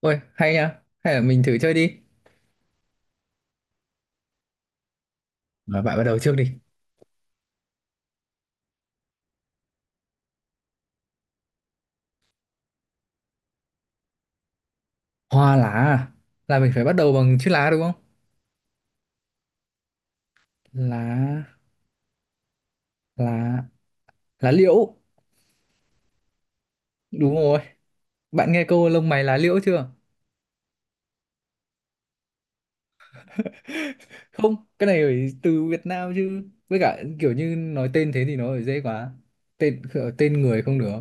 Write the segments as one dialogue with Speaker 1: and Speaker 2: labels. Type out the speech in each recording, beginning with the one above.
Speaker 1: Ôi, hay nha. Hay là mình thử chơi đi. Mà bạn bắt đầu trước đi. Hoa lá à? Là mình phải bắt đầu bằng chữ lá đúng không? Lá, lá, lá liễu. Đúng rồi. Bạn nghe câu lông mày lá liễu chưa? Không, cái này phải từ Việt Nam chứ. Với cả kiểu như nói tên thế thì nó phải dễ quá. Tên tên người không được.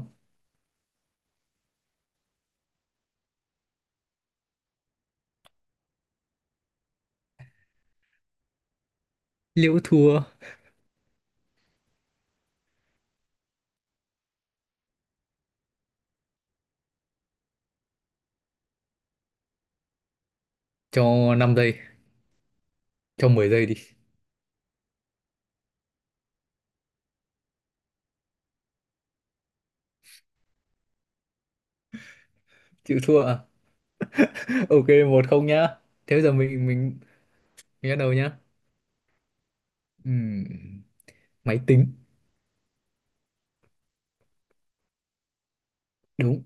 Speaker 1: Liễu thua cho 5 giây, cho 10 giây đi. Chịu thua à? Ok, 1-0 nhá. Thế bây giờ mình bắt đầu nhá. Ừm, máy tính. Đúng,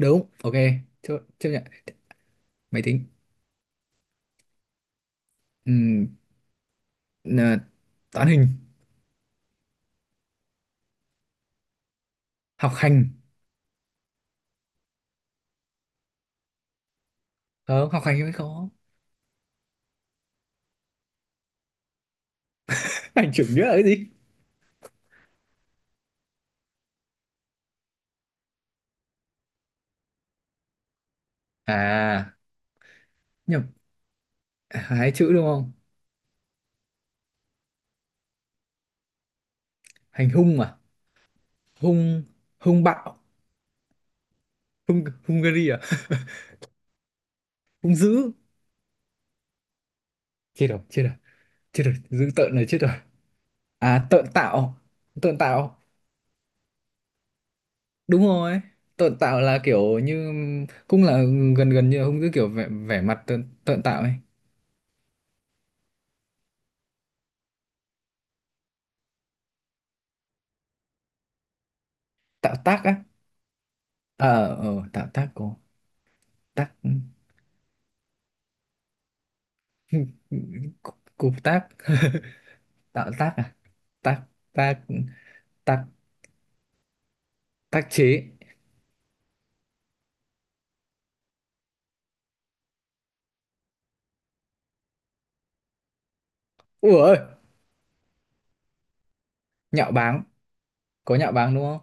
Speaker 1: đúng. Ok, chấp chấp nhận. Máy tính. Ừm, nà, toán hình học hành. Không học hành mới khó. Hành chủ nghĩa là cái gì? À, nhập, hai chữ đúng không? Hành hung à? Hung. Hung bạo. Hung Hungary à? Hung dữ. Chết rồi, chết rồi, chết rồi, dữ tợn rồi, chết rồi. À tợn tạo, tợn tạo. Đúng rồi, tợn tạo là kiểu như cũng là gần gần như là hung dữ, kiểu vẻ vẻ mặt tợn tợn tạo ấy. Tạo tác á. Ờ tạo tác của tác. Cụp tác. Tạo tác à? Tác, tác, tác, tác chế. Ủa ơi, nhạo báng. Có nhạo báng đúng không?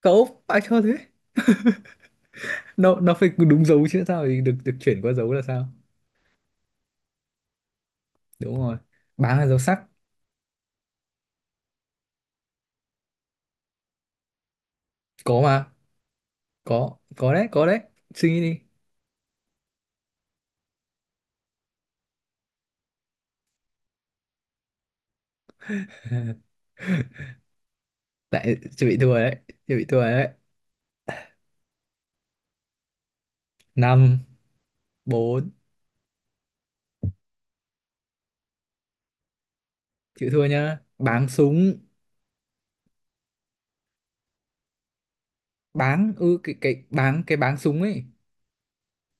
Speaker 1: Cậu phải cho thế, nó phải đúng dấu chứ, sao thì được được chuyển qua dấu là sao? Đúng rồi, báng là dấu sắc. Có mà, có đấy có đấy, suy nghĩ đi. Lại chuẩn bị thua đấy, chuẩn bị thua rồi đấy. Năm. Bốn. Chịu thua nhá, báng súng. Báng ư, cái báng, cái báng súng ấy.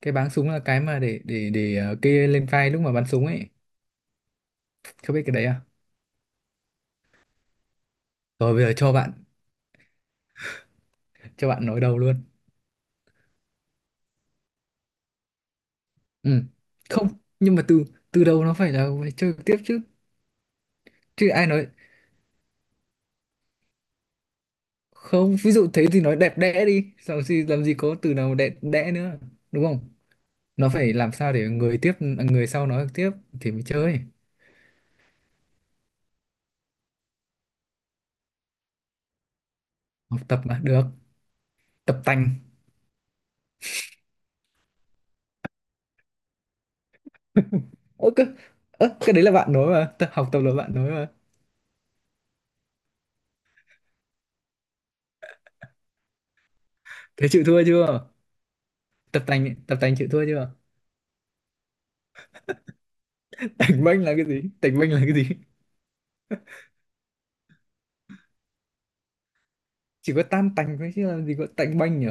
Speaker 1: Cái báng súng là cái mà để kê lên vai lúc mà bắn súng ấy. Không biết cái đấy à? Rồi bây giờ cho bạn nói đầu luôn. Ừ. Không, nhưng mà từ từ đầu nó phải là phải chơi tiếp chứ, chứ ai nói. Không, ví dụ thế thì nói đẹp đẽ đi làm gì, làm gì có từ nào đẹp đẽ nữa, đúng không? Nó phải làm sao để người tiếp người sau nói tiếp thì mới chơi. Học tập mà được. Tập tành. ơ cái, cái đấy là bạn nói mà, học tập là bạn nói mà. Thế chịu thua chưa? Tập tành, tập tành chịu thua chưa? Tành banh là cái gì? Tành banh là cái gì? Chỉ có tan tành thôi chứ làm gì có tành banh nhỉ?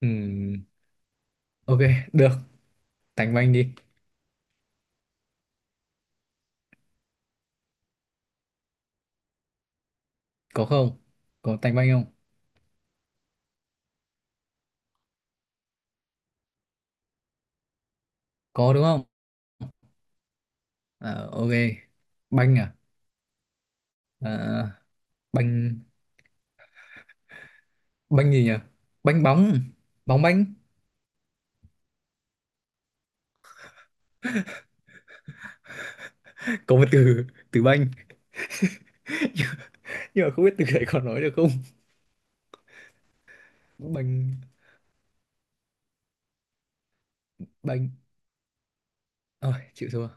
Speaker 1: Ừ, ok, được, tành banh đi. Có không? Có tanh banh không? Có đúng không? Ờ, ok. Banh à? Ờ, banh. Banh gì nhỉ? Banh bóng. Bóng banh. Có một từ, từ banh, nhưng mà không biết từ đấy còn nói được không? Banh, banh. Ôi, chịu thua.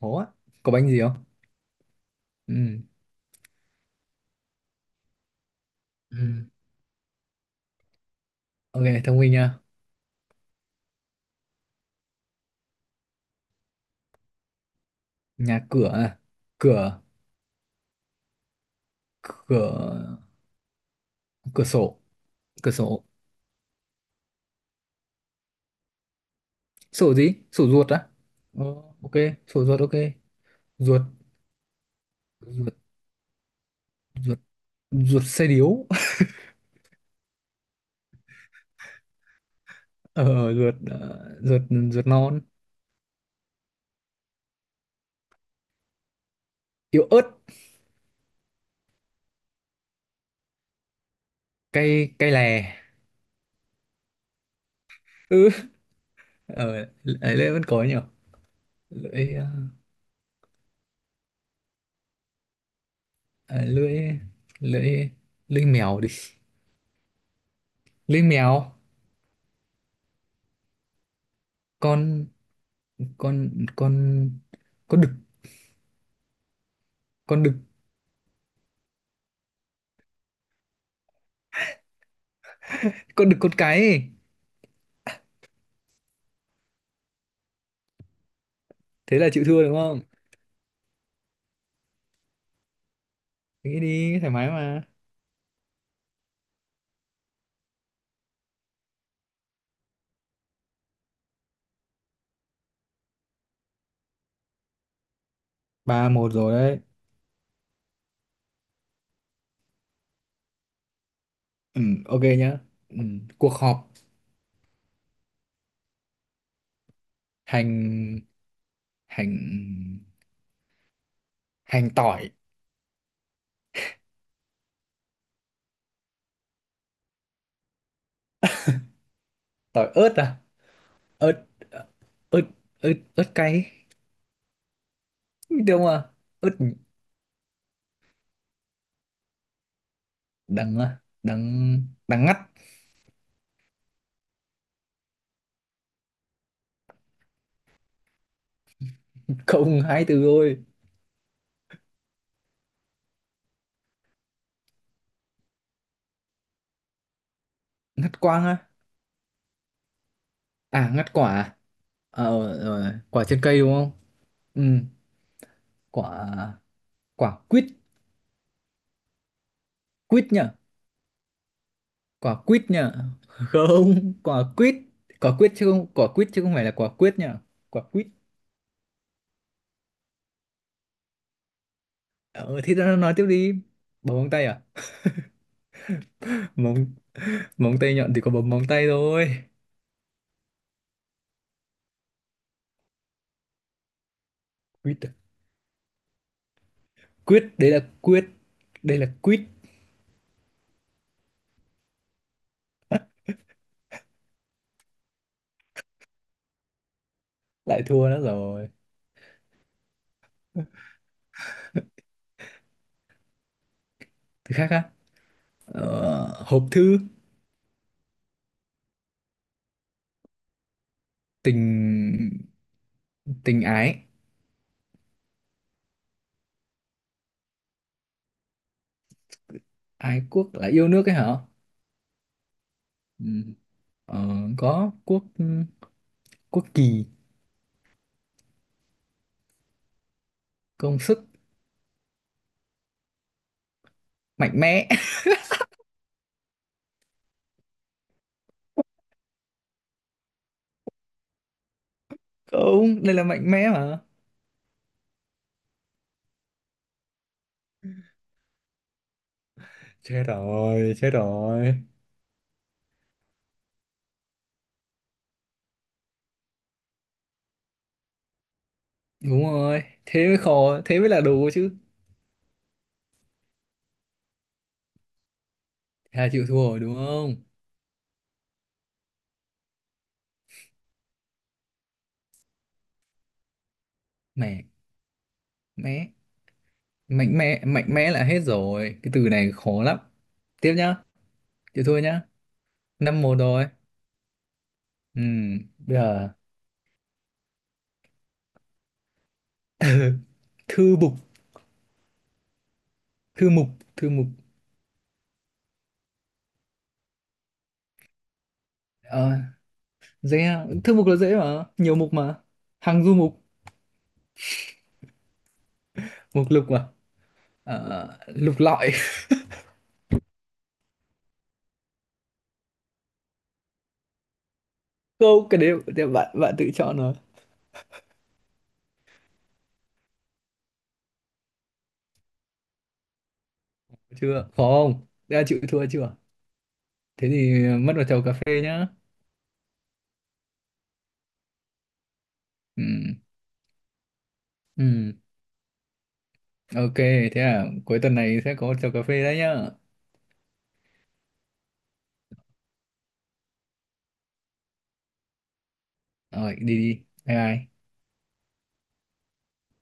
Speaker 1: Khó á. Có banh gì không? Ừ. Ừ. Ok, thông minh nha. Nhà cửa à? Cửa, cửa, cửa sổ, cửa sổ. Sổ gì? Sổ ruột á? Ờ, ok, sổ ruột ok. Ruột, ruột, ruột, ruột xe điếu. Ruột, ruột non, yếu ớt, cay cay lè. Ừ. ở ấy lưỡi vẫn có nhỉ. lưỡi ờ, à, lưỡi, lưỡi, lưỡi mèo đi. Lưỡi mèo con con con con đực. Con đực, con đực con cái ấy. Thế là chịu thua đúng không? Nghĩ đi thoải mái mà. 3-1 rồi đấy. Ừ, ok nhá. ừ, cuộc họp. Hành, hành, hành tỏi. Tỏi ớt à? Ớt, ớt, ớt ớt cay. Đúng à? Ướt. Đắng à? Đắng, đắng ngắt. Không, hai từ thôi. Ngắt quang á? À ngắt quả à? Ờ rồi quả trên cây đúng không? Ừ, quả, quả quýt. Quýt nhỉ? Quả quýt nhỉ? Không, quả quýt. Quả quýt chứ không, quả quýt chứ không phải là quả quyết nhỉ. Quả quýt. Ờ thì nó nói tiếp đi. Bấm móng tay à? Móng, móng tay nhọn thì có bấm móng tay thôi. Quýt à? Quýt đấy là quyết. Đây là quýt. Lại thua nữa rồi. Từ khác á? Ờ, hộp thư. Tình, tình ái. Ái quốc là yêu nước ấy hả? Ừ. ờ, có quốc, quốc kỳ. Công sức. Mạnh mẽ. Không, đây là mạnh mẽ mà. Chết rồi, chết rồi. Đúng rồi, thế mới khó, thế mới là đồ chứ. Thế là chịu thua rồi đúng không? Mẹ, mẹ, mạnh mẽ, mạnh mẽ là hết rồi, cái từ này khó lắm. Tiếp nhá. Chịu thua nhá. 5-1 rồi. Ừ, bây giờ. Thư mục, thư mục, thư mục. Ờ, dễ à. Thư mục là dễ mà, nhiều mục mà. Hàng du mục, mục lục mà. Ờ, lục lọi. Câu cái đấy thì bạn bạn tự chọn rồi. Chưa, khó không? Đã chịu thua chưa? Thế thì mất vào chầu cà phê nhá. Ừ. Ừ. Ok, thế à, cuối tuần này sẽ có chầu cà phê đấy nhá. Rồi, đi đi. Bye bye.